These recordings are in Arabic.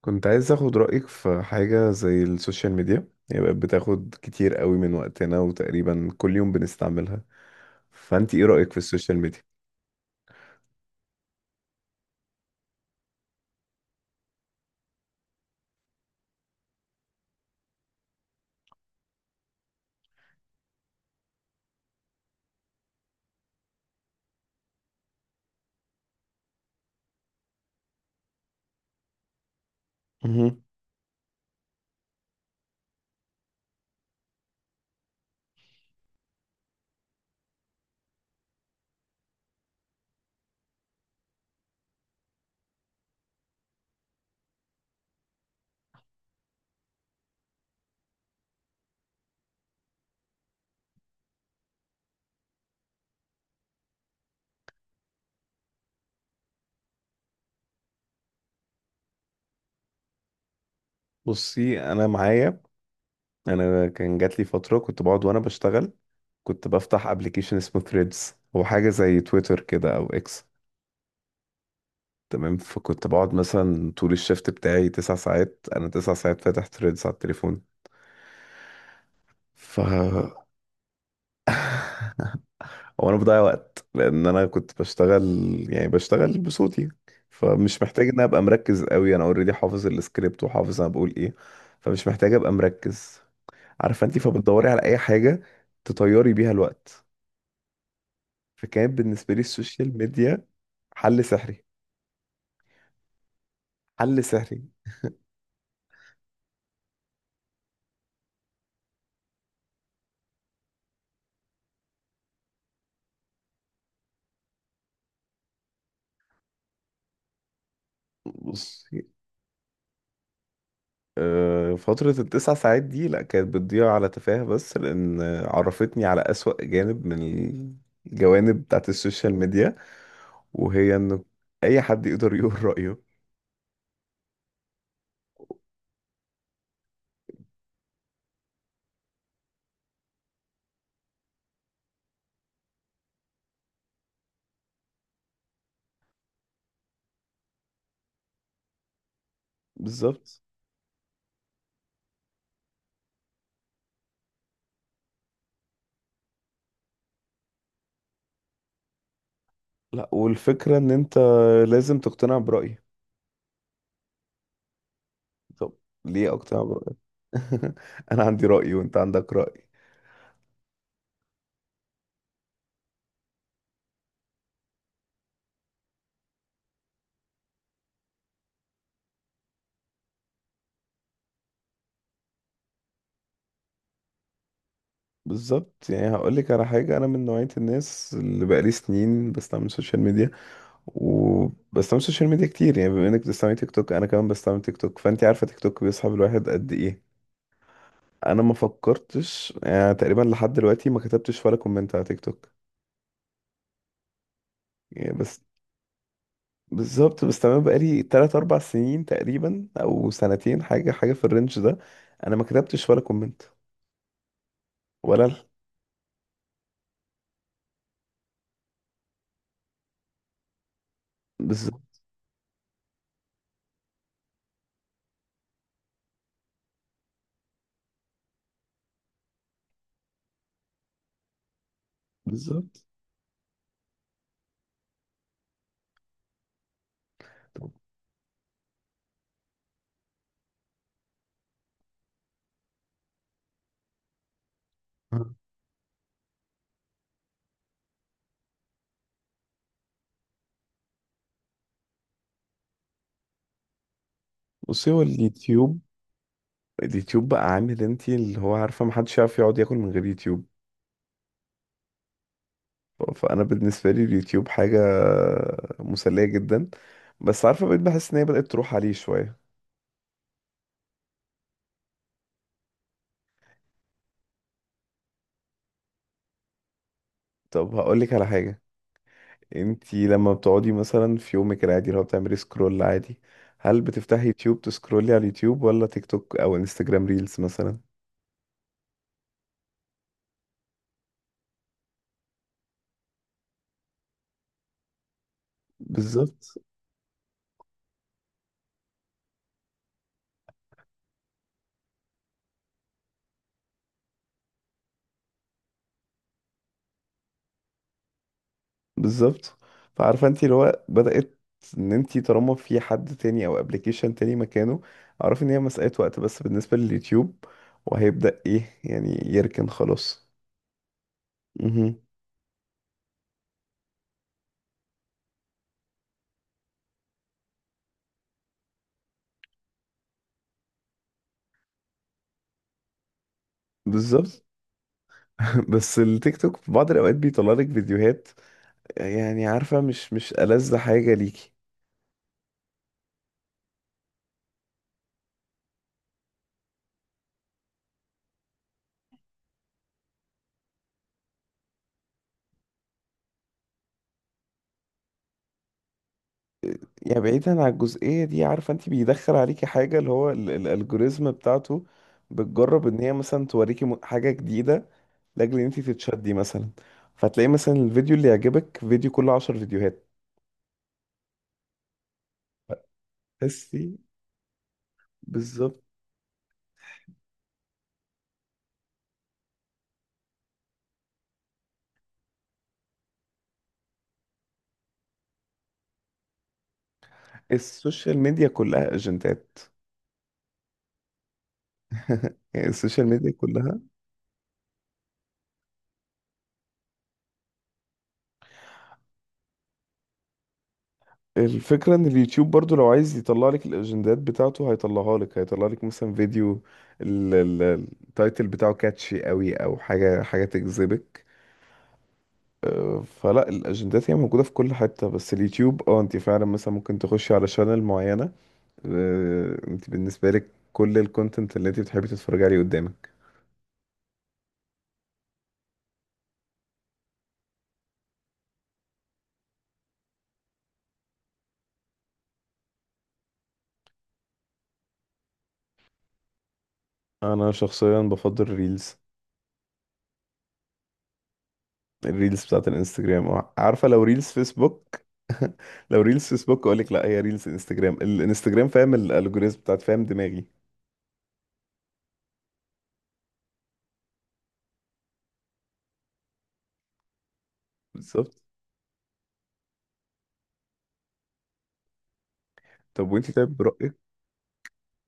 كنت عايز اخد رأيك في حاجة زي السوشيال ميديا، هي بقت بتاخد كتير قوي من وقتنا وتقريبا كل يوم بنستعملها. فانت ايه رأيك في السوشيال ميديا؟ مهم. بصي، انا معايا. انا كان جات لي فترة كنت بقعد وانا بشتغل، كنت بفتح ابلكيشن اسمه ثريدز، هو حاجة زي تويتر كده او اكس. تمام، فكنت بقعد مثلا طول الشفت بتاعي تسع ساعات انا 9 ساعات فاتح ثريدز على التليفون. ف هو انا بضيع وقت، لان انا كنت بشتغل، يعني بشتغل بصوتي، فمش محتاج ان أنا ابقى مركز قوي، انا اوريدي حافظ السكريبت وحافظ انا بقول ايه، فمش محتاج ابقى مركز، عارفه انت؟ فبتدوري على اي حاجه تطيري بيها الوقت. فكان بالنسبه لي السوشيال ميديا حل سحري، حل سحري. بصي، آه، فترة التسع ساعات دي لأ، كانت بتضيع على تفاهة بس، لأن عرفتني على أسوأ جانب من الجوانب بتاعت السوشيال ميديا، وهي انه اي حد يقدر يقول رأيه. بالظبط. لا، والفكرة ان انت لازم تقتنع برأيي. طب ليه اقتنع برأيك؟ انا عندي رأي وانت عندك رأي. بالظبط، يعني هقولك على حاجة، انا من نوعية الناس اللي بقالي سنين بستعمل سوشيال ميديا، وبستعمل سوشيال ميديا كتير، يعني بما انك بتستعمل تيك توك انا كمان بستعمل تيك توك، فانت عارفة تيك توك بيسحب الواحد قد ايه. انا ما فكرتش، يعني تقريبا لحد دلوقتي ما كتبتش ولا كومنت على تيك توك، يعني بس. بالظبط، بس تمام، بقالي تلات أربع سنين تقريبا أو سنتين، حاجة حاجة في الرينج ده، أنا ما كتبتش ولا كومنت. ولا ال- بالظبط. بالظبط. آه. بصي، هو اليوتيوب بقى عامل انتي، اللي هو عارفة محدش يعرف يقعد ياكل من غير يوتيوب. فأنا بالنسبة لي اليوتيوب حاجة مسلية جدا، بس عارفة، بقيت بحس إن هي بدأت تروح عليه شوية. طب هقولك على حاجة، انتي لما بتقعدي مثلا في يومك العادي، اللي هو بتعملي سكرول عادي، هل بتفتحي يوتيوب تسكرولي على اليوتيوب، ولا تيك توك او انستجرام ريلز مثلا؟ بالظبط. بالظبط. فعارفه انتي، اللي هو بدأت ان انتي طالما في حد تاني او ابلكيشن تاني مكانه، اعرف ان هي مسألة وقت بس بالنسبة لليوتيوب، وهيبدأ ايه يعني، يركن خلاص. مهم. بالظبط. بس التيك توك في بعض الاوقات بيطلع لك فيديوهات، يعني عارفه، مش ألذ حاجه ليكي. يعني بعيدا عن الجزئية دي، عارفة، انت بيدخل عليكي حاجة اللي هو الالجوريزم بتاعته، بتجرب ان هي مثلا توريكي حاجة جديدة، لاجل ان انت تتشدي مثلا، فتلاقي مثلا الفيديو اللي يعجبك، فيديو كله 10 فيديوهات. تحسي. بالظبط، السوشيال ميديا كلها اجندات. يعني السوشيال ميديا كلها. الفكرة ان اليوتيوب برضو لو عايز يطلع لك الاجندات بتاعته هيطلعها لك، هيطلع لك مثلا فيديو ال- ال- التايتل بتاعه كاتشي قوي، او حاجة حاجة تجذبك، فلا، الاجندات هي موجوده في كل حته. بس اليوتيوب، اه، انت فعلا مثلا ممكن تخشي على شانل معينه، آه، انت بالنسبه لك كل الكونتنت اللي انت بتحبي تتفرجي عليه قدامك. انا شخصيا بفضل الريلز، الريلز بتاعت الانستجرام، آه، عارفه لو ريلز فيسبوك. لو ريلز فيسبوك اقول لك لا، هي ريلز انستجرام، الانستجرام فاهم الالجوريزم بتاعت، فاهم دماغي. بالظبط. طب وانت طيب برايك،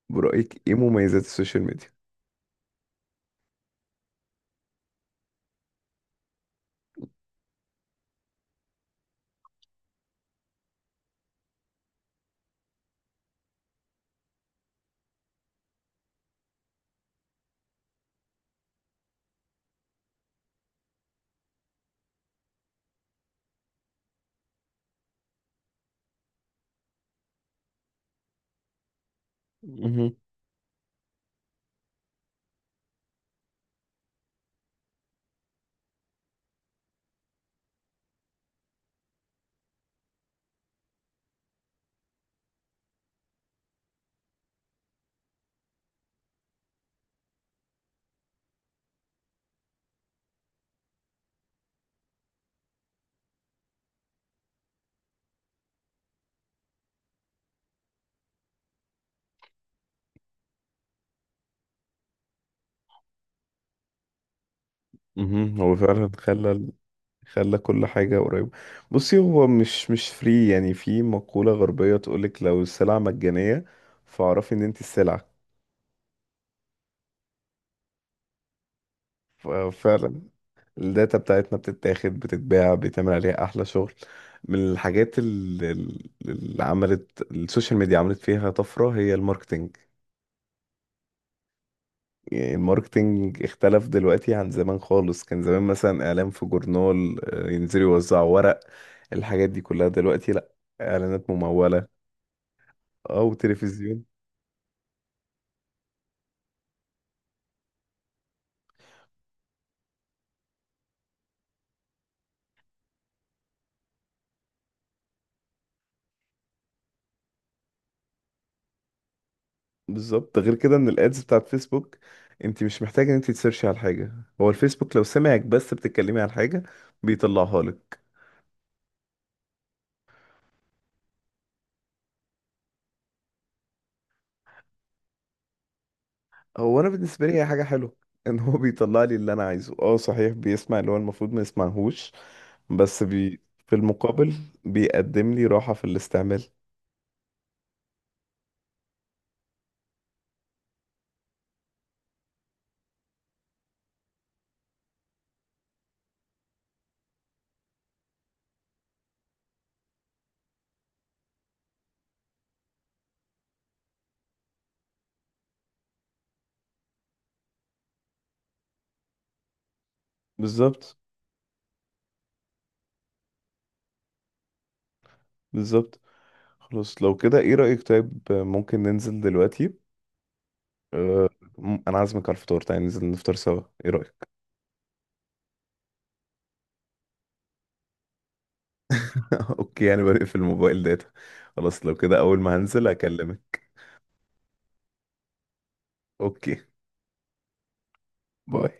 برايك ايه مميزات السوشيال ميديا؟ مهم. مهم. هو فعلا خلى كل حاجة قريبة. بصي، هو مش فري، يعني في مقولة غربية تقولك لو السلعة مجانية، فاعرفي ان انت السلعة. فعلا الداتا بتاعتنا بتتاخد بتتباع بيتعمل عليها احلى شغل. من الحاجات اللي عملت السوشيال ميديا عملت فيها طفرة، هي الماركتينج. يعني الماركتينج اختلف دلوقتي عن زمان خالص، كان زمان مثلا اعلان في جورنال، آه، ينزلوا يوزعوا ورق، الحاجات دي كلها دلوقتي لا. اعلانات ممولة، او تلفزيون. بالظبط، غير كده ان الادز بتاعت فيسبوك، انت مش محتاجه ان انت تسيرشي على حاجه، هو الفيسبوك لو سمعك بس بتتكلمي على حاجه بيطلعها لك. هو انا بالنسبه لي هي حاجه حلوه، ان هو بيطلع لي اللي انا عايزه، اه صحيح بيسمع اللي هو المفروض ما يسمعهوش، بس في المقابل بيقدم لي راحه في الاستعمال. بالظبط. بالظبط. خلاص لو كده ايه رايك؟ طيب ممكن ننزل دلوقتي؟ أه. انا عازمك على الفطار، تعالى ننزل نفطر سوا، ايه رايك؟ اوكي، يعني بقفل الموبايل داتا. خلاص لو كده اول ما هنزل اكلمك. اوكي. باي.